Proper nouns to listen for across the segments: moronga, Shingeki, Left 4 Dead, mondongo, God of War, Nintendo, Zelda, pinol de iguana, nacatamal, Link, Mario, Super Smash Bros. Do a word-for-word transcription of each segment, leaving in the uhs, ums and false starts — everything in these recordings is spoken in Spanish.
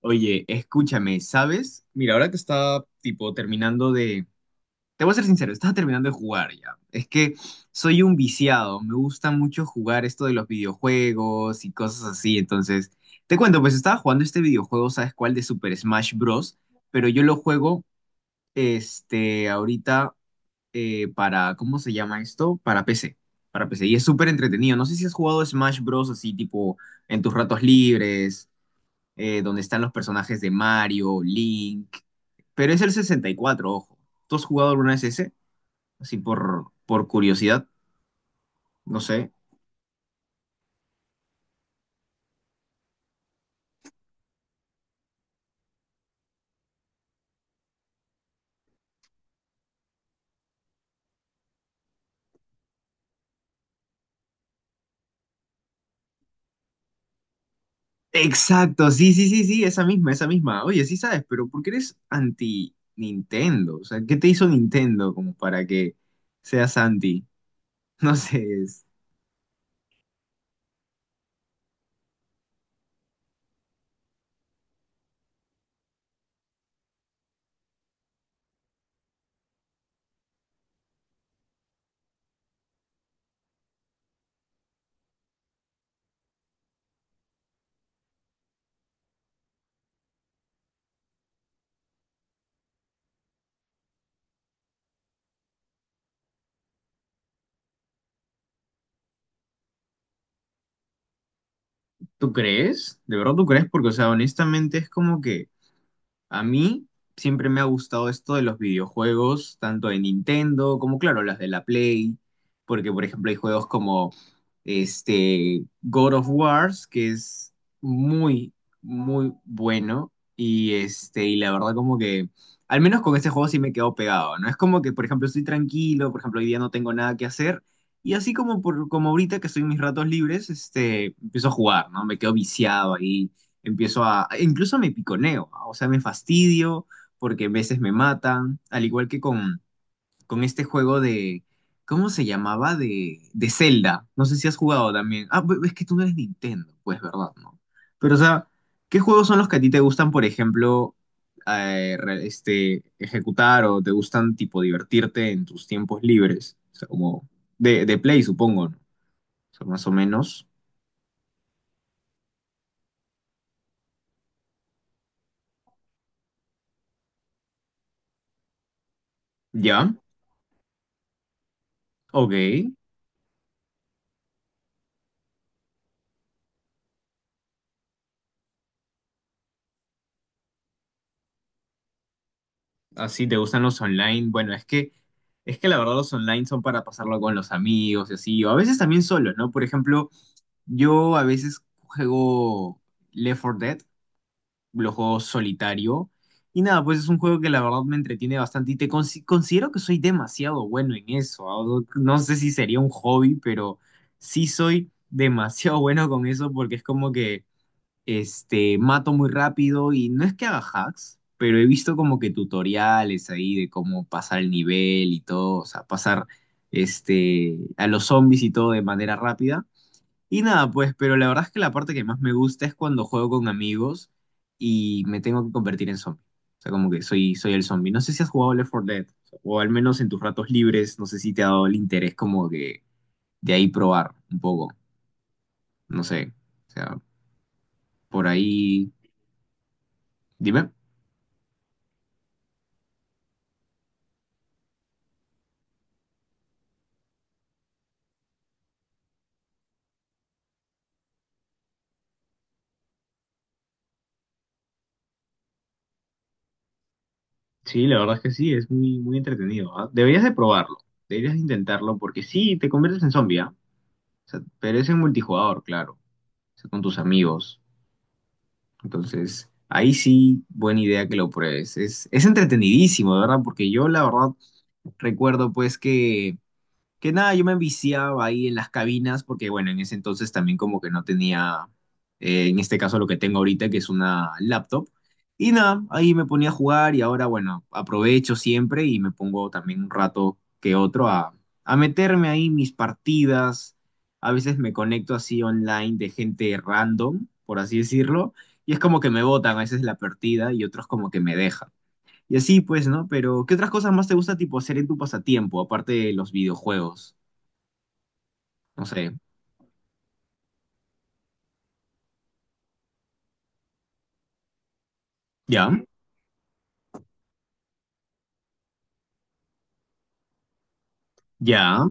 Oye, escúchame, ¿sabes? Mira, ahora que estaba tipo terminando de. Te voy a ser sincero, estaba terminando de jugar ya. Es que soy un viciado, me gusta mucho jugar esto de los videojuegos y cosas así. Entonces, te cuento, pues estaba jugando este videojuego, ¿sabes cuál? De Super Smash Bros. Pero yo lo juego, este, ahorita eh, para, ¿cómo se llama esto? Para P C, para P C. Y es súper entretenido. No sé si has jugado Smash Bros. Así tipo en tus ratos libres eh, donde están los personajes de Mario, Link. Pero es el sesenta y cuatro, ojo. ¿Tú has jugado alguna vez ese? Así por, por curiosidad, no sé. Exacto, sí, sí, sí, sí, esa misma, esa misma. Oye, sí sabes, pero ¿por qué eres anti Nintendo? O sea, ¿qué te hizo Nintendo como para que seas anti? No sé, es- ¿Tú crees? ¿De verdad tú crees? Porque, o sea, honestamente es como que a mí siempre me ha gustado esto de los videojuegos, tanto de Nintendo como, claro, las de la Play, porque, por ejemplo, hay juegos como este God of Wars, que es muy, muy bueno, y, este, y la verdad como que, al menos con este juego sí me quedo pegado, ¿no? Es como que, por ejemplo, estoy tranquilo, por ejemplo, hoy día no tengo nada que hacer, y así como, por, como ahorita que estoy en mis ratos libres, este, empiezo a jugar, ¿no? Me quedo viciado ahí empiezo a, incluso me piconeo, ¿ah? O sea, me fastidio porque a veces me matan, al igual que con, con este juego de, ¿cómo se llamaba? De, de Zelda, no sé si has jugado también. Ah, pues, es que tú no eres Nintendo, pues, ¿verdad? No. Pero, o sea, ¿qué juegos son los que a ti te gustan, por ejemplo, eh, re- este, ejecutar o te gustan, tipo, divertirte en tus tiempos libres? O sea, como de, de play, supongo, ¿no? O sea, más o menos. ¿Ya? Ok. Así te gustan los online. Bueno, es que, es que la verdad los online son para pasarlo con los amigos y así, o a veces también solo, ¿no? Por ejemplo, yo a veces juego Left four Dead, lo juego solitario, y nada, pues es un juego que la verdad me entretiene bastante y te consi- considero que soy demasiado bueno en eso. ¿Ah? No sé si sería un hobby, pero sí soy demasiado bueno con eso porque es como que este, mato muy rápido y no es que haga hacks, pero he visto como que tutoriales ahí de cómo pasar el nivel y todo, o sea, pasar este, a los zombies y todo de manera rápida. Y nada, pues, pero la verdad es que la parte que más me gusta es cuando juego con amigos y me tengo que convertir en zombie. O sea, como que soy, soy el zombie. No sé si has jugado Left four Dead, o al menos en tus ratos libres, no sé si te ha dado el interés como que de ahí probar un poco, no sé. O sea, por ahí, dime. Sí, la verdad es que sí, es muy, muy entretenido, ¿ah? Deberías de probarlo, deberías de intentarlo, porque sí, te conviertes en zombie, ¿ah? O sea, pero es en multijugador, claro, o sea, con tus amigos. Entonces, ahí sí, buena idea que lo pruebes. Es, es entretenidísimo, de verdad, porque yo la verdad recuerdo pues que que nada, yo me enviciaba ahí en las cabinas porque, bueno, en ese entonces también como que no tenía, eh, en este caso lo que tengo ahorita, que es una laptop. Y nada, ahí me ponía a jugar y ahora, bueno, aprovecho siempre y me pongo también un rato que otro a, a meterme ahí mis partidas. A veces me conecto así online de gente random, por así decirlo, y es como que me botan a veces la partida y otros como que me dejan. Y así pues, ¿no? Pero, ¿qué otras cosas más te gusta tipo hacer en tu pasatiempo, aparte de los videojuegos? No sé. Ya, ya.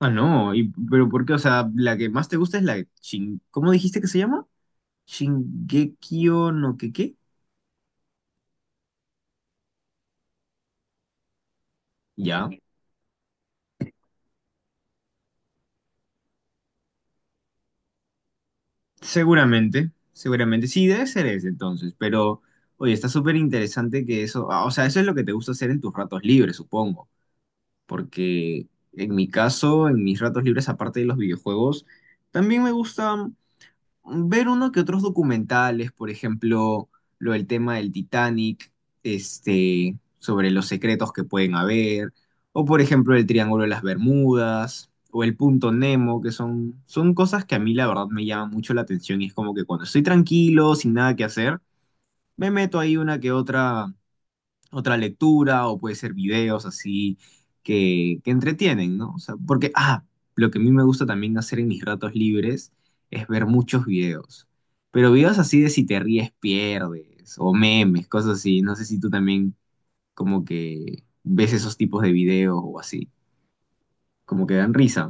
Ah, no. Y, pero ¿por qué? O sea, la que más te gusta es la Shin... ¿Cómo dijiste que se llama? Shingekio no que qué. Ya. Seguramente, seguramente. Sí, debe ser ese entonces. Pero, oye, está súper interesante que eso. Ah, o sea, eso es lo que te gusta hacer en tus ratos libres, supongo. Porque en mi caso, en mis ratos libres, aparte de los videojuegos, también me gusta ver uno que otros documentales, por ejemplo, lo del tema del Titanic, este, sobre los secretos que pueden haber, o por ejemplo el Triángulo de las Bermudas, o el Punto Nemo, que son, son cosas que a mí la verdad me llaman mucho la atención y es como que cuando estoy tranquilo, sin nada que hacer, me meto ahí una que otra otra lectura o puede ser videos así que, que entretienen, ¿no? O sea, porque, ah, lo que a mí me gusta también hacer en mis ratos libres es ver muchos videos, pero videos así de si te ríes pierdes o memes, cosas así, no sé si tú también como que ves esos tipos de videos o así, como que dan risa.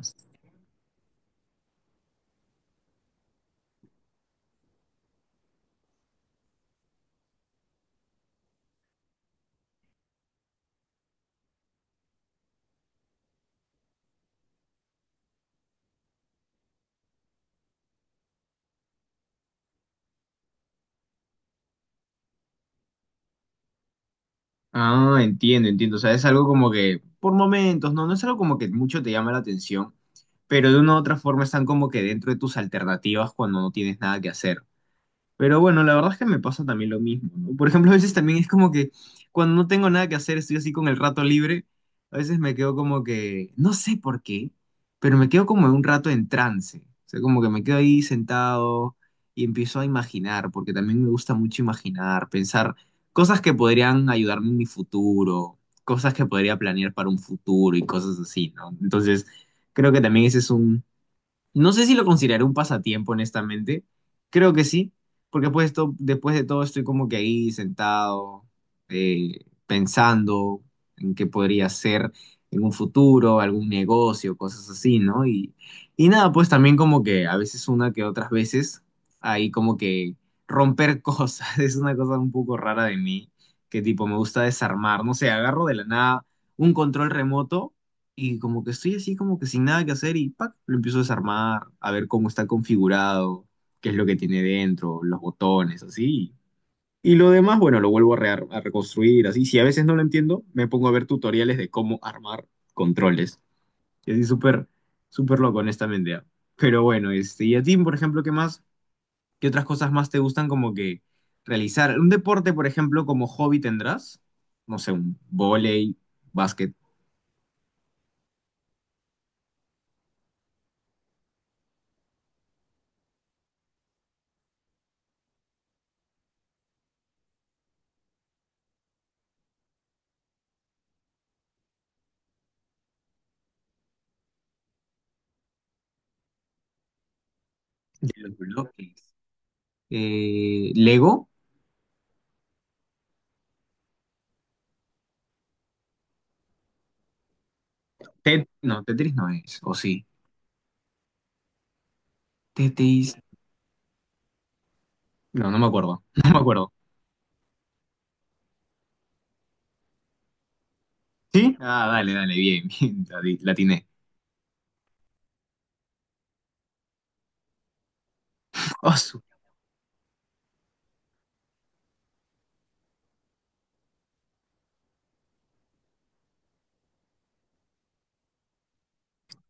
Ah, entiendo, entiendo, o sea, es algo como que por momentos, ¿no? No es algo como que mucho te llama la atención. Pero de una u otra forma están como que dentro de tus alternativas cuando no tienes nada que hacer. Pero bueno, la verdad es que me pasa también lo mismo, ¿no? Por ejemplo, a veces también es como que cuando no tengo nada que hacer, estoy así con el rato libre, a veces me quedo como que, no sé por qué, pero me quedo como un rato en trance. O sea, como que me quedo ahí sentado y empiezo a imaginar, porque también me gusta mucho imaginar, pensar cosas que podrían ayudarme en mi futuro, cosas que podría planear para un futuro y cosas así, ¿no? Entonces, creo que también ese es no sé si lo consideraré un pasatiempo, honestamente. Creo que sí, porque pues esto- después de todo estoy como que ahí sentado, eh, pensando en qué podría ser en un futuro, algún negocio, cosas así, ¿no? Y, y nada, pues también como que a veces una que otras veces, ahí como que romper cosas, es una cosa un poco rara de mí, que tipo me gusta desarmar, no sé, agarro de la nada un control remoto y como que estoy así, como que sin nada que hacer y ¡pac! Lo empiezo a desarmar, a ver cómo está configurado, qué es lo que tiene dentro, los botones, así. Y lo demás, bueno, lo vuelvo a, rear- a reconstruir, así. Si a veces no lo entiendo, me pongo a ver tutoriales de cómo armar controles. Y así súper, súper loco, honestamente. ¿Ah? Pero bueno, este, y a ti, por ejemplo, ¿qué más? ¿Qué otras cosas más te gustan como que realizar? ¿Un deporte, por ejemplo, como hobby tendrás? No sé, un vóley, básquet. De los bloques. eh, Lego. Tet- no, Tetris no es, o sí. Tetris. No, no me acuerdo. No me acuerdo. ¿Sí? Ah, dale, dale, bien, bien, la, di- la atiné. Oh, su-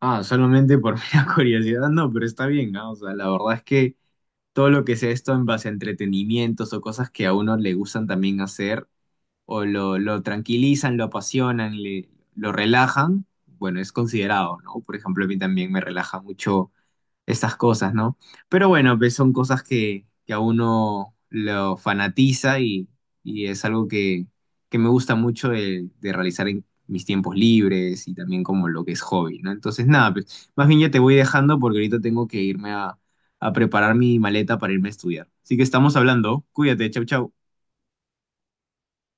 Ah, solamente por mera curiosidad, no, pero está bien, ¿no? O sea, la verdad es que todo lo que sea esto en base a entretenimientos o cosas que a uno le gustan también hacer, o lo, lo tranquilizan, lo apasionan, le, lo relajan, bueno, es considerado, ¿no? Por ejemplo, a mí también me relaja mucho estas cosas, ¿no? Pero bueno, pues son cosas que, que a uno lo fanatiza y, y es algo que, que me gusta mucho de, de realizar en mis tiempos libres y también como lo que es hobby, ¿no? Entonces, nada, pues más bien ya te voy dejando porque ahorita tengo que irme a, a preparar mi maleta para irme a estudiar. Así que estamos hablando. Cuídate, chau, chau.